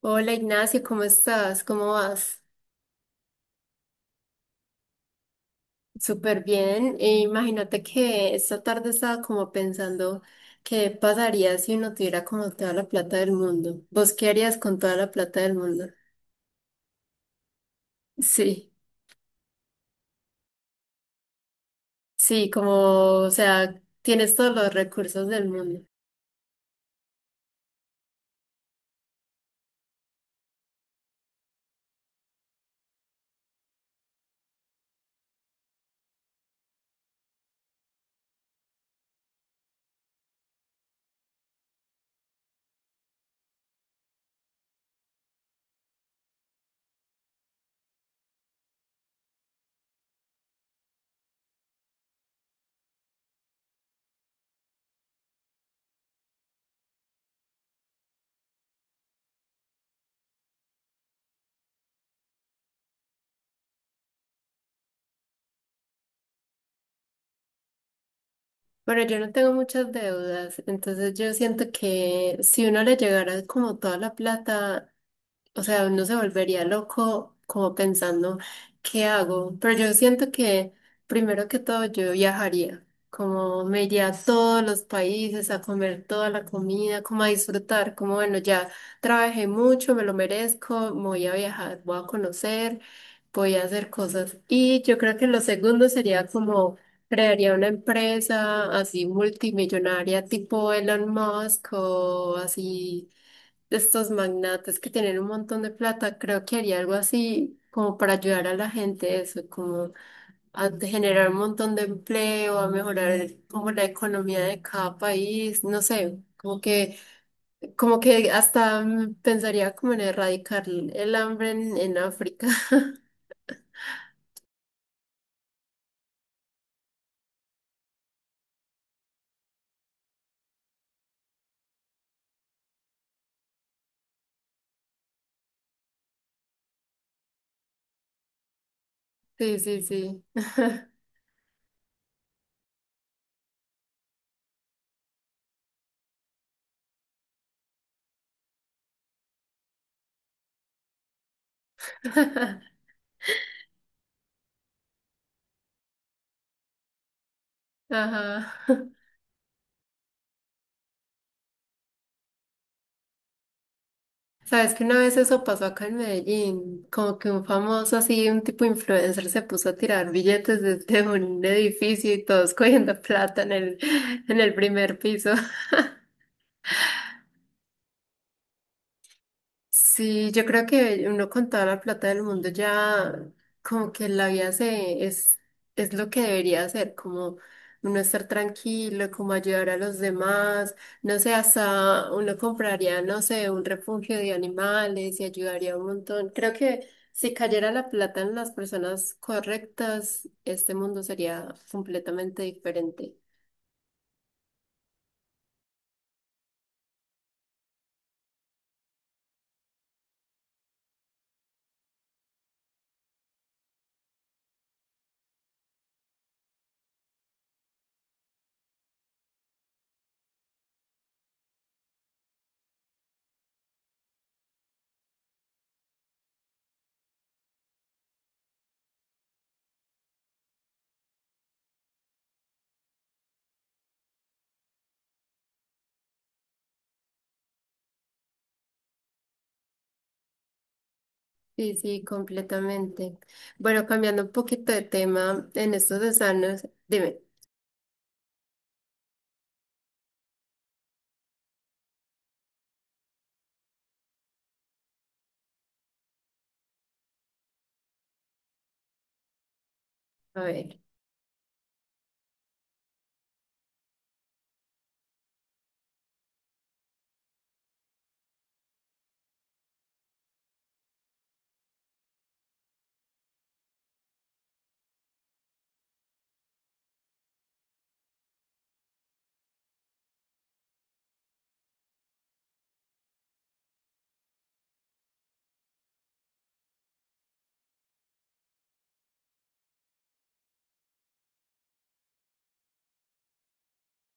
Hola Ignacio, ¿cómo estás? ¿Cómo vas? Súper bien. E imagínate que esta tarde estaba como pensando qué pasaría si uno tuviera como toda la plata del mundo. ¿Vos qué harías con toda la plata del mundo? Sí, sí, como, o sea, tienes todos los recursos del mundo. Bueno, yo no tengo muchas deudas, entonces yo siento que si uno le llegara como toda la plata, o sea, uno se volvería loco como pensando, ¿qué hago? Pero yo siento que primero que todo yo viajaría, como me iría a todos los países a comer toda la comida, como a disfrutar, como bueno, ya trabajé mucho, me lo merezco, me voy a viajar, voy a conocer, voy a hacer cosas. Y yo creo que lo segundo sería como crearía una empresa así multimillonaria tipo Elon Musk o así, de estos magnates que tienen un montón de plata. Creo que haría algo así como para ayudar a la gente, eso, como a generar un montón de empleo, a mejorar como la economía de cada país, no sé. Como que hasta pensaría como en erradicar el hambre en África. Sí, sí, sí. Ajá. Sabes que una vez eso pasó acá en Medellín, como que un famoso así, un tipo influencer se puso a tirar billetes desde un edificio y todos cogiendo plata en en el primer piso. Sí, yo creo que uno con toda la plata del mundo ya como que la vida es lo que debería hacer, como uno estar tranquilo, como ayudar a los demás, no sé, hasta uno compraría, no sé, un refugio de animales y ayudaría un montón. Creo que si cayera la plata en las personas correctas, este mundo sería completamente diferente. Sí, sí, completamente. Bueno, cambiando un poquito de tema en estos dos años, dime. A ver,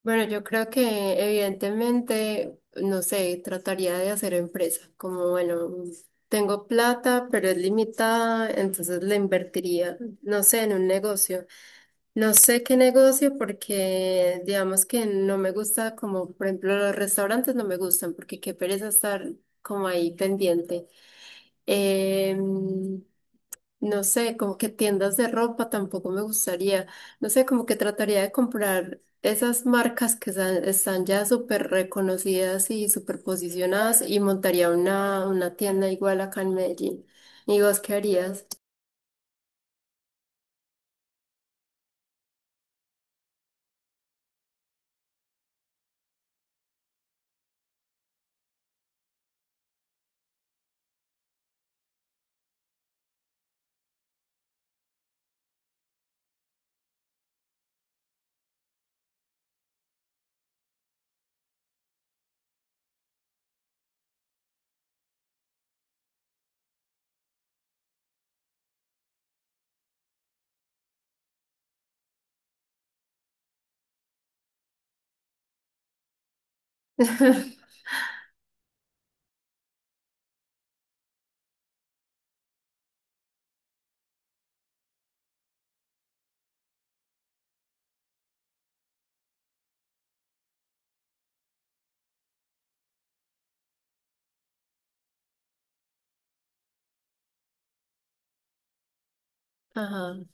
bueno, yo creo que evidentemente, no sé, trataría de hacer empresa, como bueno, tengo plata, pero es limitada, entonces la invertiría, no sé, en un negocio. No sé qué negocio porque digamos que no me gusta, como por ejemplo los restaurantes no me gustan, porque qué pereza estar como ahí pendiente. Em, No sé, como que tiendas de ropa tampoco me gustaría. No sé, como que trataría de comprar esas marcas que están ya súper reconocidas y súper posicionadas y montaría una tienda igual acá en Medellín. ¿Y vos qué harías? Ajá.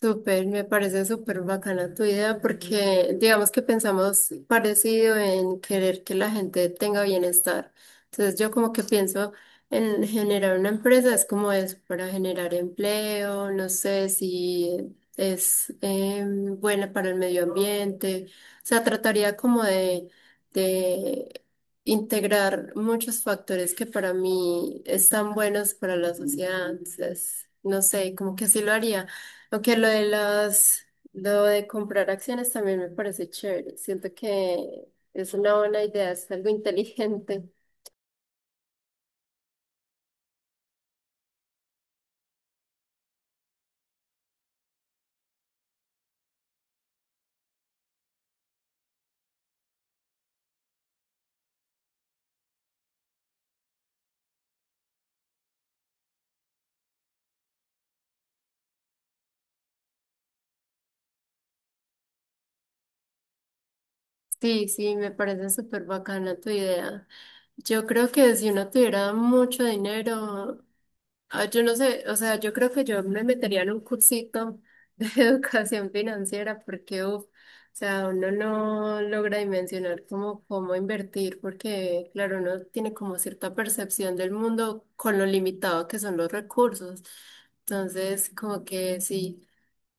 Súper, me parece súper bacana tu idea porque digamos que pensamos parecido en querer que la gente tenga bienestar. Entonces yo como que pienso en generar una empresa, es como eso, para generar empleo, no sé si es buena para el medio ambiente. O sea, trataría como de integrar muchos factores que para mí están buenos para la sociedad. Entonces, no sé, como que así lo haría. Aunque lo de las, lo de comprar acciones también me parece chévere. Siento que es una buena idea, es algo inteligente. Sí, sí, me parece súper bacana tu idea. Yo creo que si uno tuviera mucho dinero, ah, yo no sé, o sea, yo creo que yo me metería en un cursito de educación financiera porque, uf, o sea, uno no logra dimensionar cómo, cómo invertir porque, claro, uno tiene como cierta percepción del mundo con lo limitado que son los recursos. Entonces, como que sí.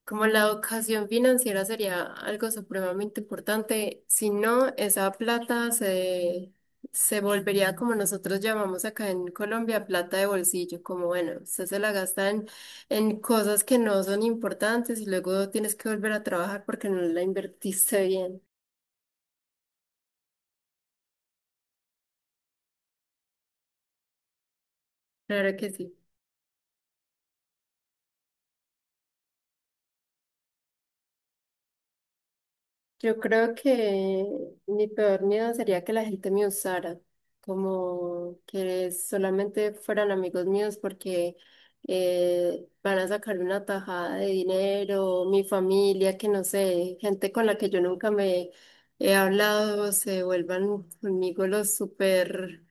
Como la educación financiera sería algo supremamente importante, si no, esa se volvería como nosotros llamamos acá en Colombia plata de bolsillo, como bueno, usted se la gasta en cosas que no son importantes y luego tienes que volver a trabajar porque no la invertiste bien. Claro que sí. Yo creo que mi peor miedo sería que la gente me usara, como que solamente fueran amigos míos porque van a sacar una tajada de dinero, mi familia, que no sé, gente con la que yo nunca me he hablado, se vuelvan conmigo los súper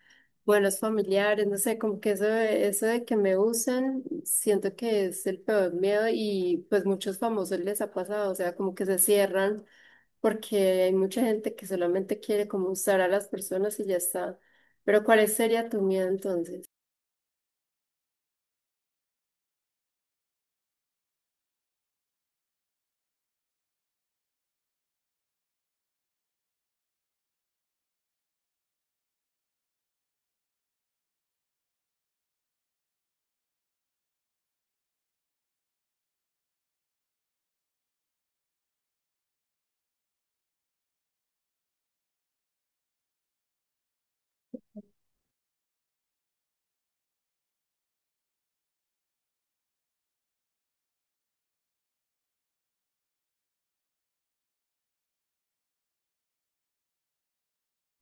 buenos familiares, no sé, como que eso, eso de que me usen, siento que es el peor miedo y pues muchos famosos les ha pasado, o sea, como que se cierran porque hay mucha gente que solamente quiere como usar a las personas y ya está. Pero ¿cuál sería tu miedo entonces?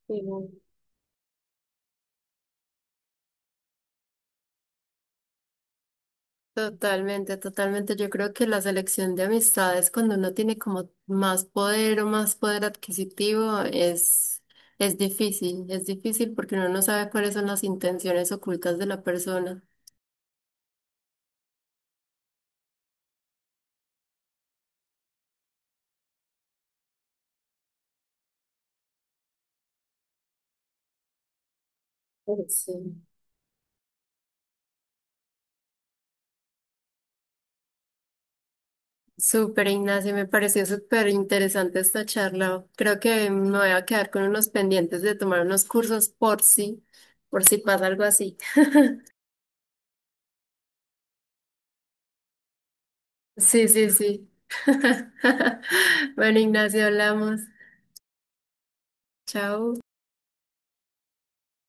Sí, no. Totalmente, totalmente. Yo creo que la selección de amistades cuando uno tiene como más poder o más poder adquisitivo es difícil porque uno no sabe cuáles son las intenciones ocultas de la persona. Pues, sí. Súper, Ignacio, me pareció súper interesante esta charla. Creo que me voy a quedar con unos pendientes de tomar unos cursos por si pasa algo así. Sí, sí, sí. Bueno, Ignacio, hablamos. Chao.